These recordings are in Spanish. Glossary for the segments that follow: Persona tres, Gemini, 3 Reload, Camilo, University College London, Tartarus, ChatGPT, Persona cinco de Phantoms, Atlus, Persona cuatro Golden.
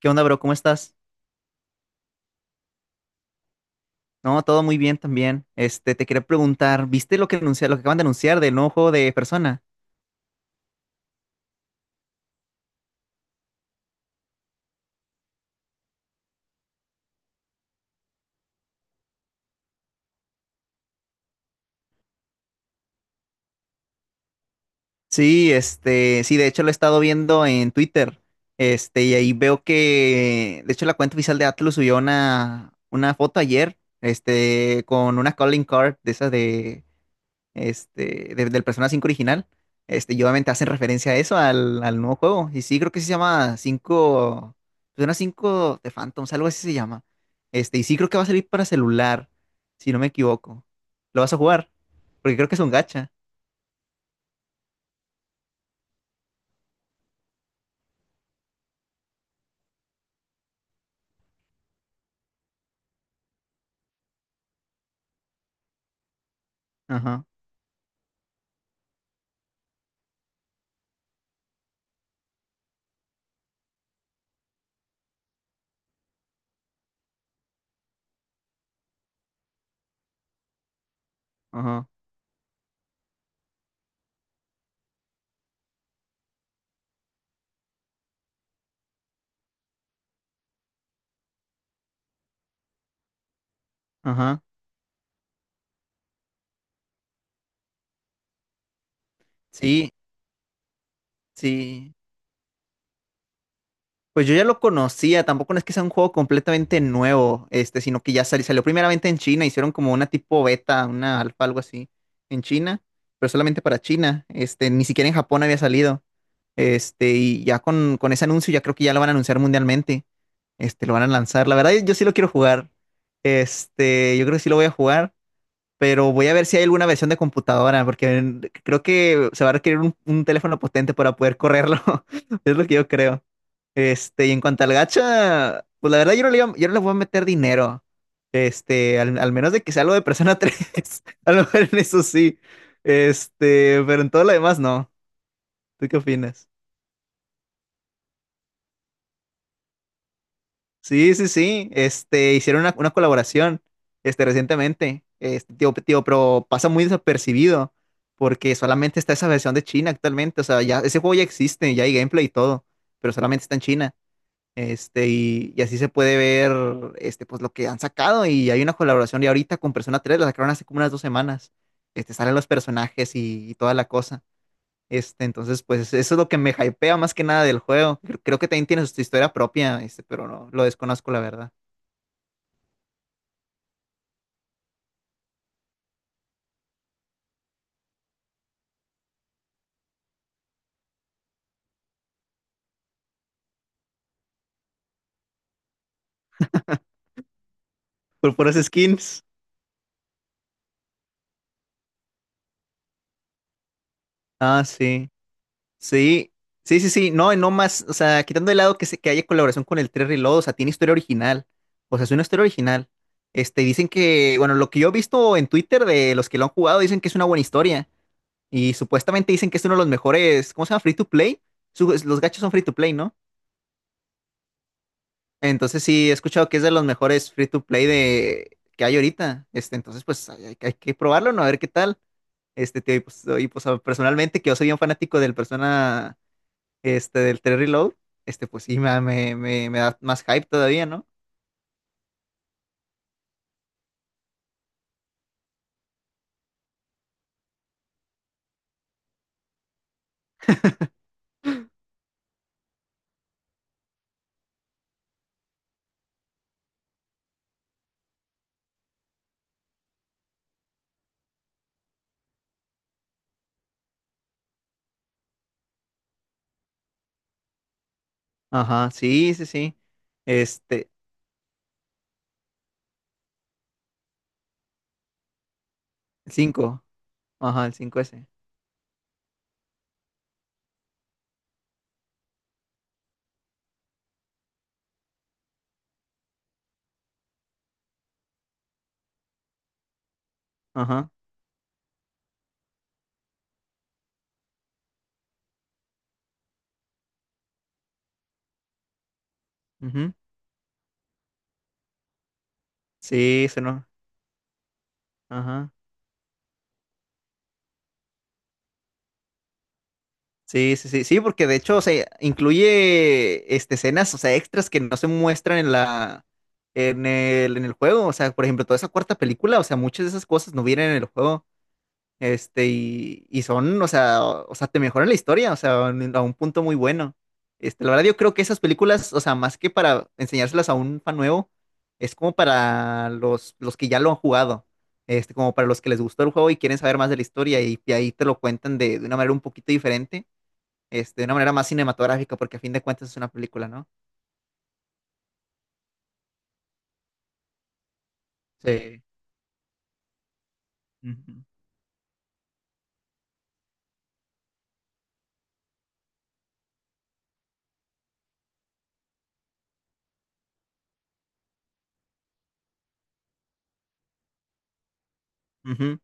¿Qué onda, bro? ¿Cómo estás? No, todo muy bien también. Te quería preguntar, ¿viste lo que acaban de anunciar del nuevo juego de Persona? Sí, de hecho lo he estado viendo en Twitter. Y ahí veo que, de hecho, la cuenta oficial de Atlus subió una foto ayer, con una calling card de esas de, del Persona 5 original. Y obviamente hacen referencia a eso, al nuevo juego. Y sí, creo que sí se llama cinco Persona cinco de Phantoms, algo así se llama. Y sí creo que va a salir para celular, si no me equivoco. ¿Lo vas a jugar? Porque creo que es un gacha. Ajá, ajá, ajá. Sí, sí. Pues yo ya lo conocía, tampoco no es que sea un juego completamente nuevo, sino que salió primeramente en China, hicieron como una tipo beta, una alfa, algo así, en China, pero solamente para China, ni siquiera en Japón había salido, y ya con ese anuncio ya creo que ya lo van a anunciar mundialmente, lo van a lanzar, la verdad yo sí lo quiero jugar, yo creo que sí lo voy a jugar, pero voy a ver si hay alguna versión de computadora, porque creo que se va a requerir un teléfono potente para poder correrlo, es lo que yo creo. Y en cuanto al gacha, pues la verdad yo no le voy a meter dinero. Al menos de que sea algo de Persona tres. A lo mejor en eso sí. Pero en todo lo demás no. ¿Tú qué opinas? Sí, sí, sí. Hicieron una colaboración, recientemente. Pero pasa muy desapercibido porque solamente está esa versión de China actualmente. O sea, ya, ese juego ya existe, ya hay gameplay y todo, pero solamente está en China. Y así se puede ver, pues lo que han sacado. Y hay una colaboración ya ahorita con Persona tres, la sacaron hace como unas dos semanas. Salen los personajes y toda la cosa. Entonces, pues eso es lo que me hypea más que nada del juego. Creo que también tiene su historia propia, pero no, lo desconozco la verdad. Por puras skins. Ah, sí. Sí, sí, sí, sí, no, y no más, o sea, quitando de lado que haya colaboración con el 3 Reload, o sea, tiene historia original, o sea, es una historia original. Dicen que, bueno, lo que yo he visto en Twitter de los que lo han jugado, dicen que es una buena historia, y supuestamente dicen que es uno de los mejores, ¿cómo se llama? Free to play. Los gachos son free to play, ¿no? Entonces sí, he escuchado que es de los mejores free to play de, que hay ahorita, entonces pues hay que probarlo, ¿no? A ver qué tal. Y pues, y, pues, personalmente, que yo soy un fanático del Persona, del 3 Reload, pues sí, me da más hype todavía, ¿no? Ajá, sí, sí, sí. Este, Cinco, ajá, el cinco s. Ajá, ujú. Sí, se no. Ajá. Sí, sí, sí, sí, porque de hecho, o sea, incluye escenas, o sea, extras que no se muestran en en en el juego. O sea, por ejemplo, toda esa cuarta película, o sea, muchas de esas cosas no vienen en el juego. Y son, o sea, te mejoran la historia, a un punto muy bueno. La verdad, yo creo que esas películas, o sea, más que para enseñárselas a un fan nuevo, es como para los que ya lo han jugado. Como para los que les gustó el juego y quieren saber más de la historia, y ahí te lo cuentan de una manera un poquito diferente, de una manera más cinematográfica, porque a fin de cuentas es una película, ¿no? Sí. Ujú. Ujú.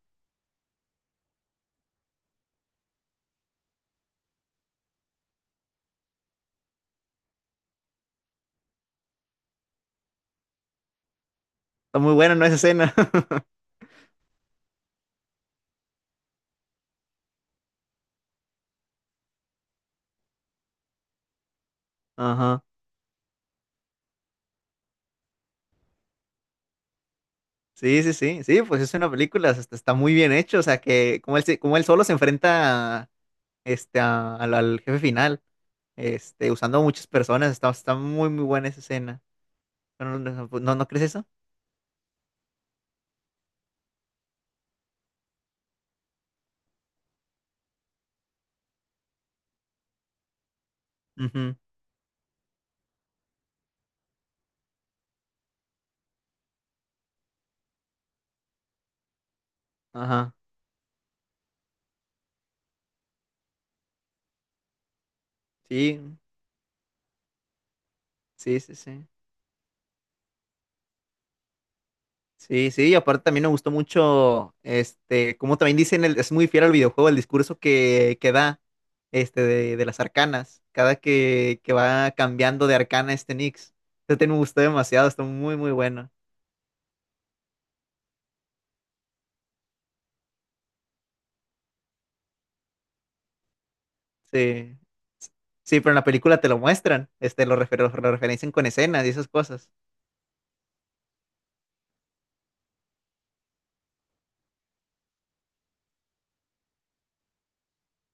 Está muy bueno, ¿no? Esa escena. Ajá. Sí, sí, sí, sí, pues es una película, hasta está muy bien hecho, o sea que como él solo se enfrenta al jefe final, usando a muchas personas, está, está muy, muy buena esa escena. Bueno, no crees eso? Ujú. Ajá, sí, sí, sí, sí. Sí, sí, y aparte también me gustó mucho, como también dicen, el, es muy fiel al videojuego, el discurso que da, de las arcanas, que va cambiando de arcana este Nix. Me gustó demasiado, está muy, muy bueno. Sí, sí, pero en la película te lo muestran, lo referencian con escenas y esas cosas.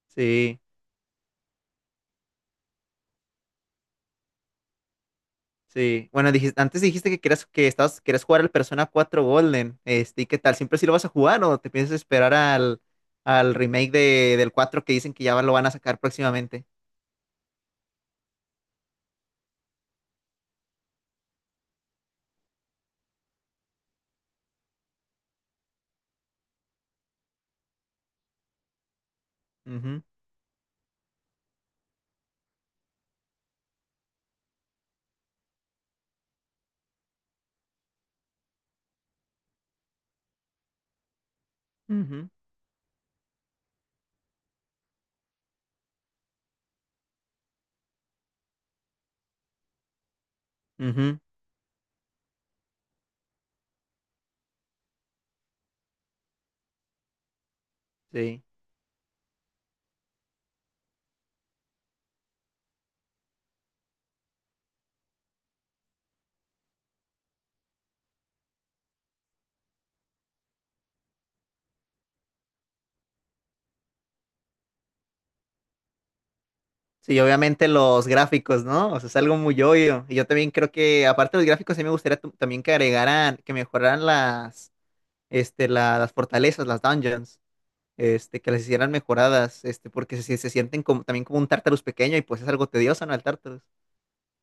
Sí, sí. Bueno, dijiste, antes dijiste que querías jugar al Persona cuatro Golden, ¿y qué tal? ¿Siempre sí lo vas a jugar o te piensas esperar al remake del 4 que dicen que ya lo van a sacar próximamente? Ujú, ujú, ujú, sí. Sí, obviamente los gráficos, ¿no? O sea, es algo muy obvio. Y yo también creo que, aparte de los gráficos, sí me gustaría también que agregaran, que mejoraran las fortalezas, las dungeons. Que las hicieran mejoradas, porque se sienten como, también como un Tartarus pequeño y pues es algo tedioso, ¿no? El Tartarus.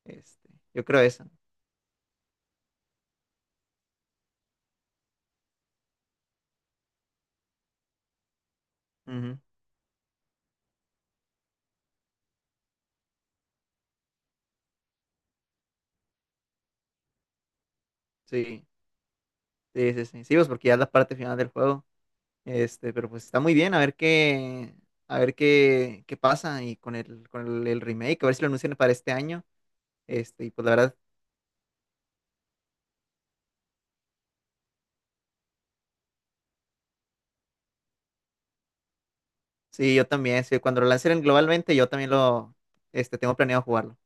Este, yo creo eso, ¿no? Ujú. Sí, sí, sí, sí. Sí, pues porque ya es la parte final del juego. Pero pues está muy bien, a ver qué, a ver qué pasa y el remake, a ver si lo anuncian para este año. Y pues la verdad, sí, yo también, sí, cuando lo lancen globalmente, yo también lo, tengo planeado jugarlo.